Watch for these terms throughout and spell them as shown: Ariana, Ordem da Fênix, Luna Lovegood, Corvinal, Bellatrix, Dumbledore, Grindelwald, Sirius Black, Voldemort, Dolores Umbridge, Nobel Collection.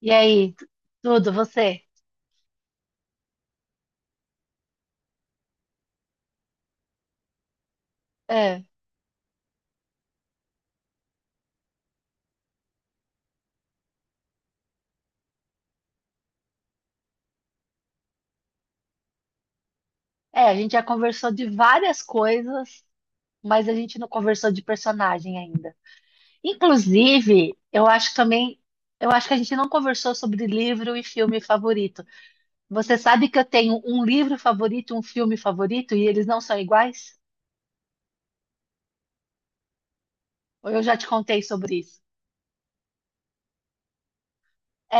E aí, tudo, você? É, é, a gente já conversou de várias coisas, mas a gente não conversou de personagem ainda. Inclusive, eu acho também, eu acho que a gente não conversou sobre livro e filme favorito. Você sabe que eu tenho um livro favorito, um filme favorito, e eles não são iguais? Ou eu já te contei sobre isso?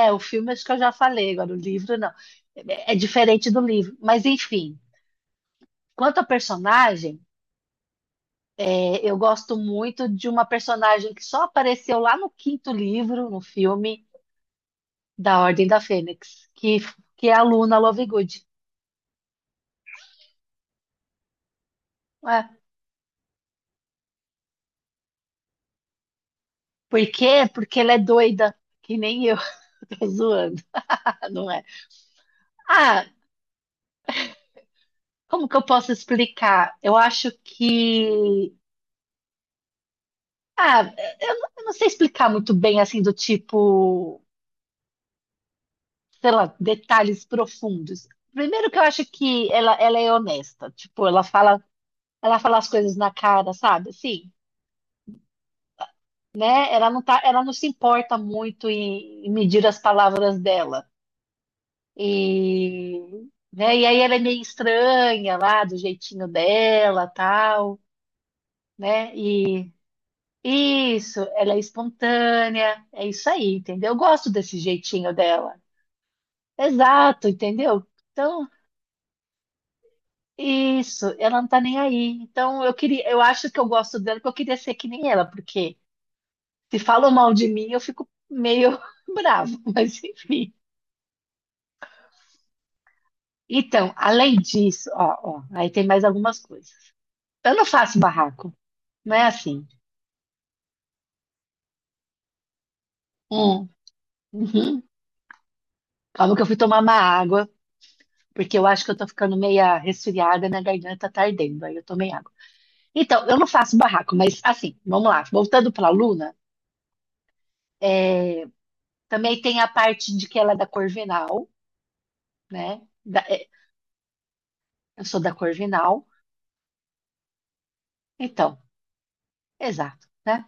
É, o filme acho que eu já falei, agora o livro não. É diferente do livro. Mas enfim, quanto ao personagem. É, eu gosto muito de uma personagem que só apareceu lá no quinto livro, no filme da Ordem da Fênix, que é a Luna Lovegood. É. Por quê? Porque ela é doida, que nem eu, tô zoando, não é? Ah, como que eu posso explicar? Eu acho que. Ah, eu não sei explicar muito bem, assim, do tipo, sei lá, detalhes profundos. Primeiro que eu acho que ela é honesta, tipo, ela fala as coisas na cara, sabe? Assim. Ela não se importa muito em medir as palavras dela. E, né, e aí ela é meio estranha lá, do jeitinho dela, tal, né? E isso, ela é espontânea, é isso aí, entendeu? Eu gosto desse jeitinho dela. Exato, entendeu? Então, isso, ela não tá nem aí. Então, eu queria, eu acho que eu gosto dela porque eu queria ser que nem ela, porque se falam mal de mim, eu fico meio bravo, mas enfim. Então, além disso, ó, ó, aí tem mais algumas coisas. Eu não faço barraco, não é assim. Hum, uhum. Calma que eu fui tomar uma água, porque eu acho que eu tô ficando meia resfriada, minha garganta tá ardendo, aí eu tomei água. Então, eu não faço barraco, mas assim, vamos lá. Voltando pra Luna, também tem a parte de que ela é da Corvinal, né? É, eu sou da Corvinal, então, exato, né?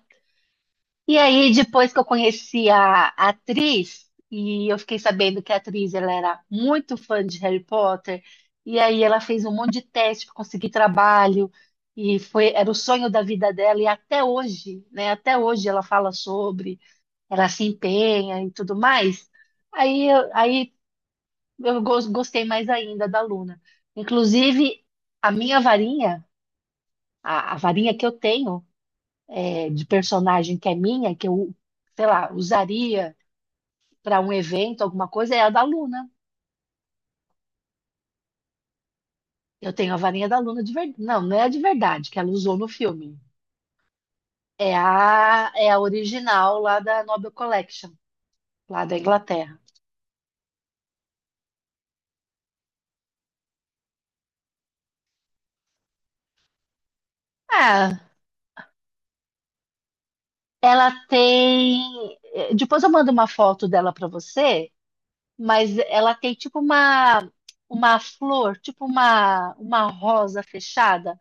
E aí, depois que eu conheci a atriz, e eu fiquei sabendo que a atriz ela era muito fã de Harry Potter, e aí ela fez um monte de teste para conseguir trabalho, e foi, era o sonho da vida dela, e até hoje, né? Até hoje ela fala sobre, ela se empenha e tudo mais. Aí, aí eu gostei mais ainda da Luna. Inclusive, a minha varinha, a varinha que eu tenho é, de personagem que é minha, que eu, sei lá, usaria para um evento, alguma coisa, é a da Luna. Eu tenho a varinha da Luna de verdade. Não, não é a de verdade, que ela usou no filme. É a, é a original lá da Nobel Collection, lá da Inglaterra. Ah, ela tem. Depois eu mando uma foto dela para você, mas ela tem tipo uma flor, tipo uma rosa fechada,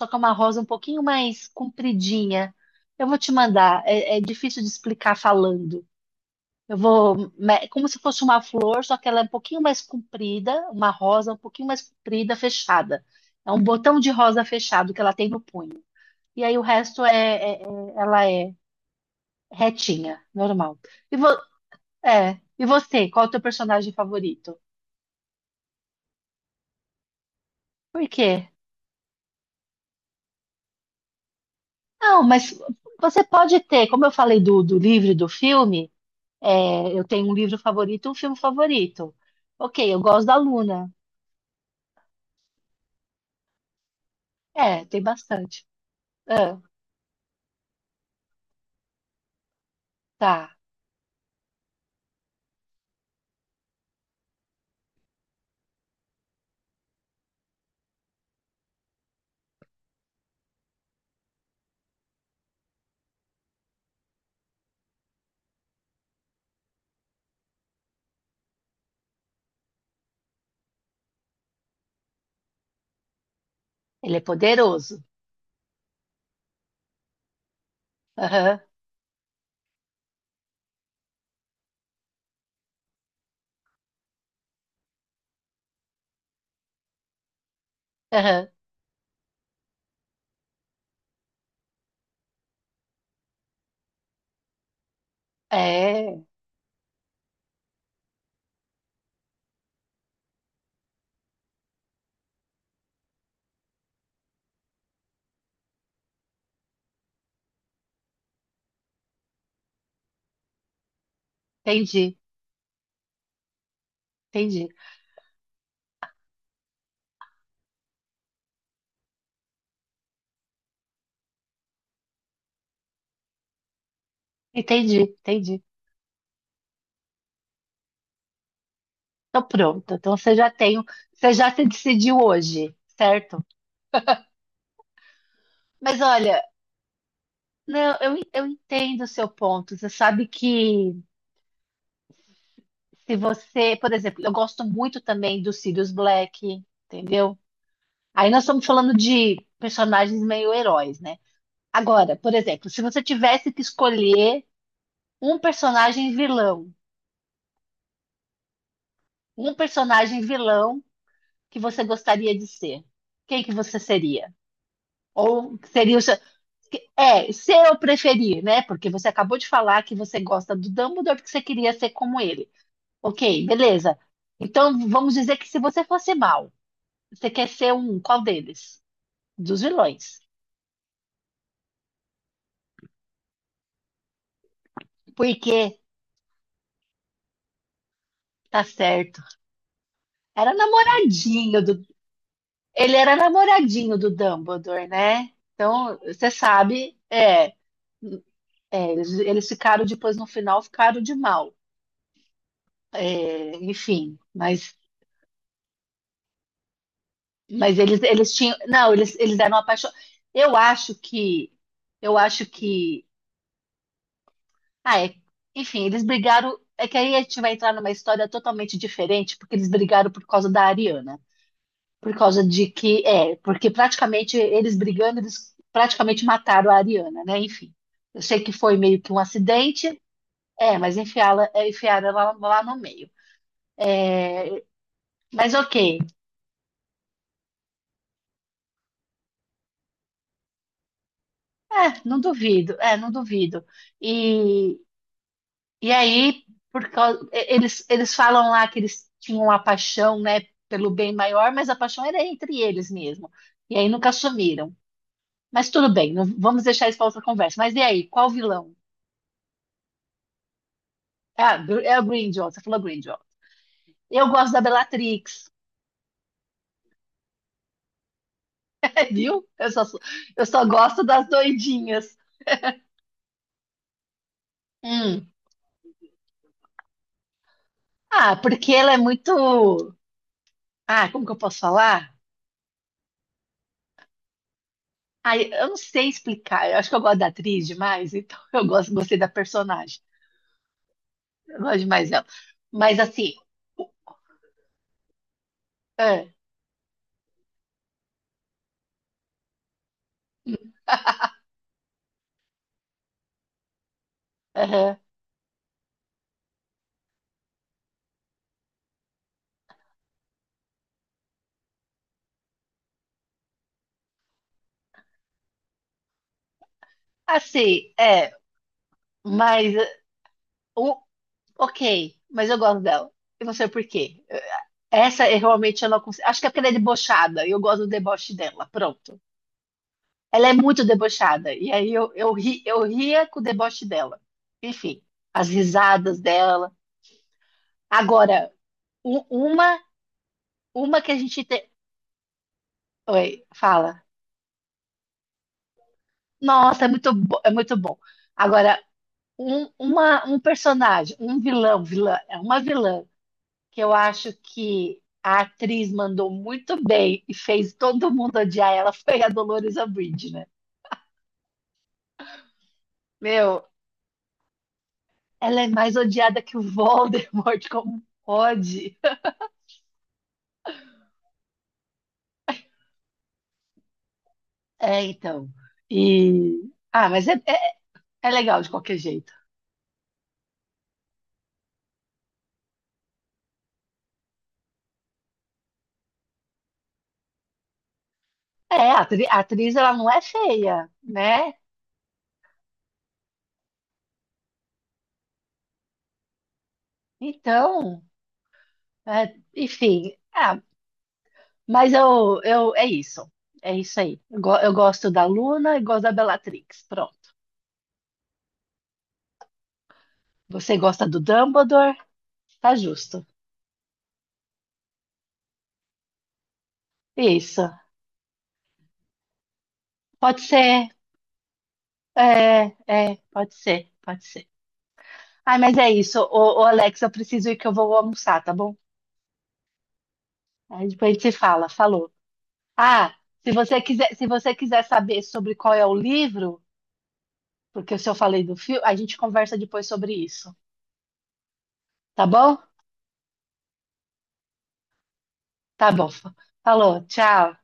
só que é uma rosa um pouquinho mais compridinha. Eu vou te mandar, é, é difícil de explicar falando. Como se fosse uma flor, só que ela é um pouquinho mais comprida, uma rosa um pouquinho mais comprida, fechada. É um botão de rosa fechado que ela tem no punho. E aí o resto ela é retinha, normal. E vo, e você, qual é o teu personagem favorito? Por quê? Não, mas você pode ter, como eu falei do, do livro e do filme, é, eu tenho um livro favorito e um filme favorito. Ok, eu gosto da Luna. É, tem bastante. Ah, tá. Ele é poderoso. Aham, aham. É, entendi, entendi, entendi, entendi. Então pronto, então você já tem, você já se decidiu hoje, certo? Mas olha, não, eu entendo o seu ponto. Você sabe que se você, por exemplo, eu gosto muito também do Sirius Black, entendeu? Aí nós estamos falando de personagens meio heróis, né? Agora, por exemplo, se você tivesse que escolher um personagem vilão, um personagem vilão que você gostaria de ser? Quem que você seria? Ou seria o seu. É, ser eu preferir, né? Porque você acabou de falar que você gosta do Dumbledore porque você queria ser como ele. Ok, beleza. Então vamos dizer que se você fosse mal, você quer ser um qual deles? Dos vilões. Porque, tá certo. Era namoradinho do. Ele era namoradinho do Dumbledore, né? Então, você sabe, é, é, eles ficaram depois no final, ficaram de mal. É, enfim, mas, eles tinham. Não, eles eram apaixonados. Eu acho que. Eu acho que. Ah, é. Enfim, eles brigaram. É que aí a gente vai entrar numa história totalmente diferente, porque eles brigaram por causa da Ariana. Por causa de que. É, porque praticamente eles brigando, eles praticamente mataram a Ariana, né? Enfim. Eu sei que foi meio que um acidente, é, mas enfiaram ela lá no meio. Mas ok, não duvido, não duvido. E, E aí, por causa, eles falam lá que eles tinham uma paixão, né, pelo bem maior, mas a paixão era entre eles mesmo. E aí nunca assumiram. Mas tudo bem, vamos deixar isso para outra conversa. Mas e aí, qual vilão? É a Grindelwald, você falou Grindelwald. Eu gosto da Bellatrix, viu? Eu só gosto das doidinhas. Hum. Ah, porque ela é muito. Ah, como que eu posso falar? Ah, eu não sei explicar. Eu acho que eu gosto da atriz demais, então eu gostei da personagem. Eu gosto de mais ela. Mas assim, é, aham. Assim, é, mas o, ok, mas eu gosto dela. E não sei por quê. Essa eu realmente eu não consigo. Acho que é porque ela é debochada. E eu gosto do deboche dela. Pronto. Ela é muito debochada. E aí eu ria com o deboche dela. Enfim, as risadas dela. Agora, u- uma, uma que a gente tem. Oi, fala. Nossa, é muito bom. Agora, um personagem, é uma vilã que eu acho que a atriz mandou muito bem e fez todo mundo odiar ela foi a Dolores Umbridge, né? Meu, ela é mais odiada que o Voldemort, como pode? É, então. E ah, mas é legal de qualquer jeito. É, a atriz, ela não é feia, né? Então, é, enfim, ah, mas eu, é isso. É isso aí. Eu gosto da Luna e gosto da Bellatrix. Pronto. Você gosta do Dumbledore? Tá justo. Isso. Pode ser. É, pode ser. Pode ser. Ai, mas é isso. Ô, ô, Alex, eu preciso ir que eu vou almoçar, tá bom? Aí depois a gente se fala. Falou. Ah, se você quiser, se você quiser saber sobre qual é o livro, porque se eu falei do filme, a gente conversa depois sobre isso. Tá bom? Tá bom. Falou. Tchau.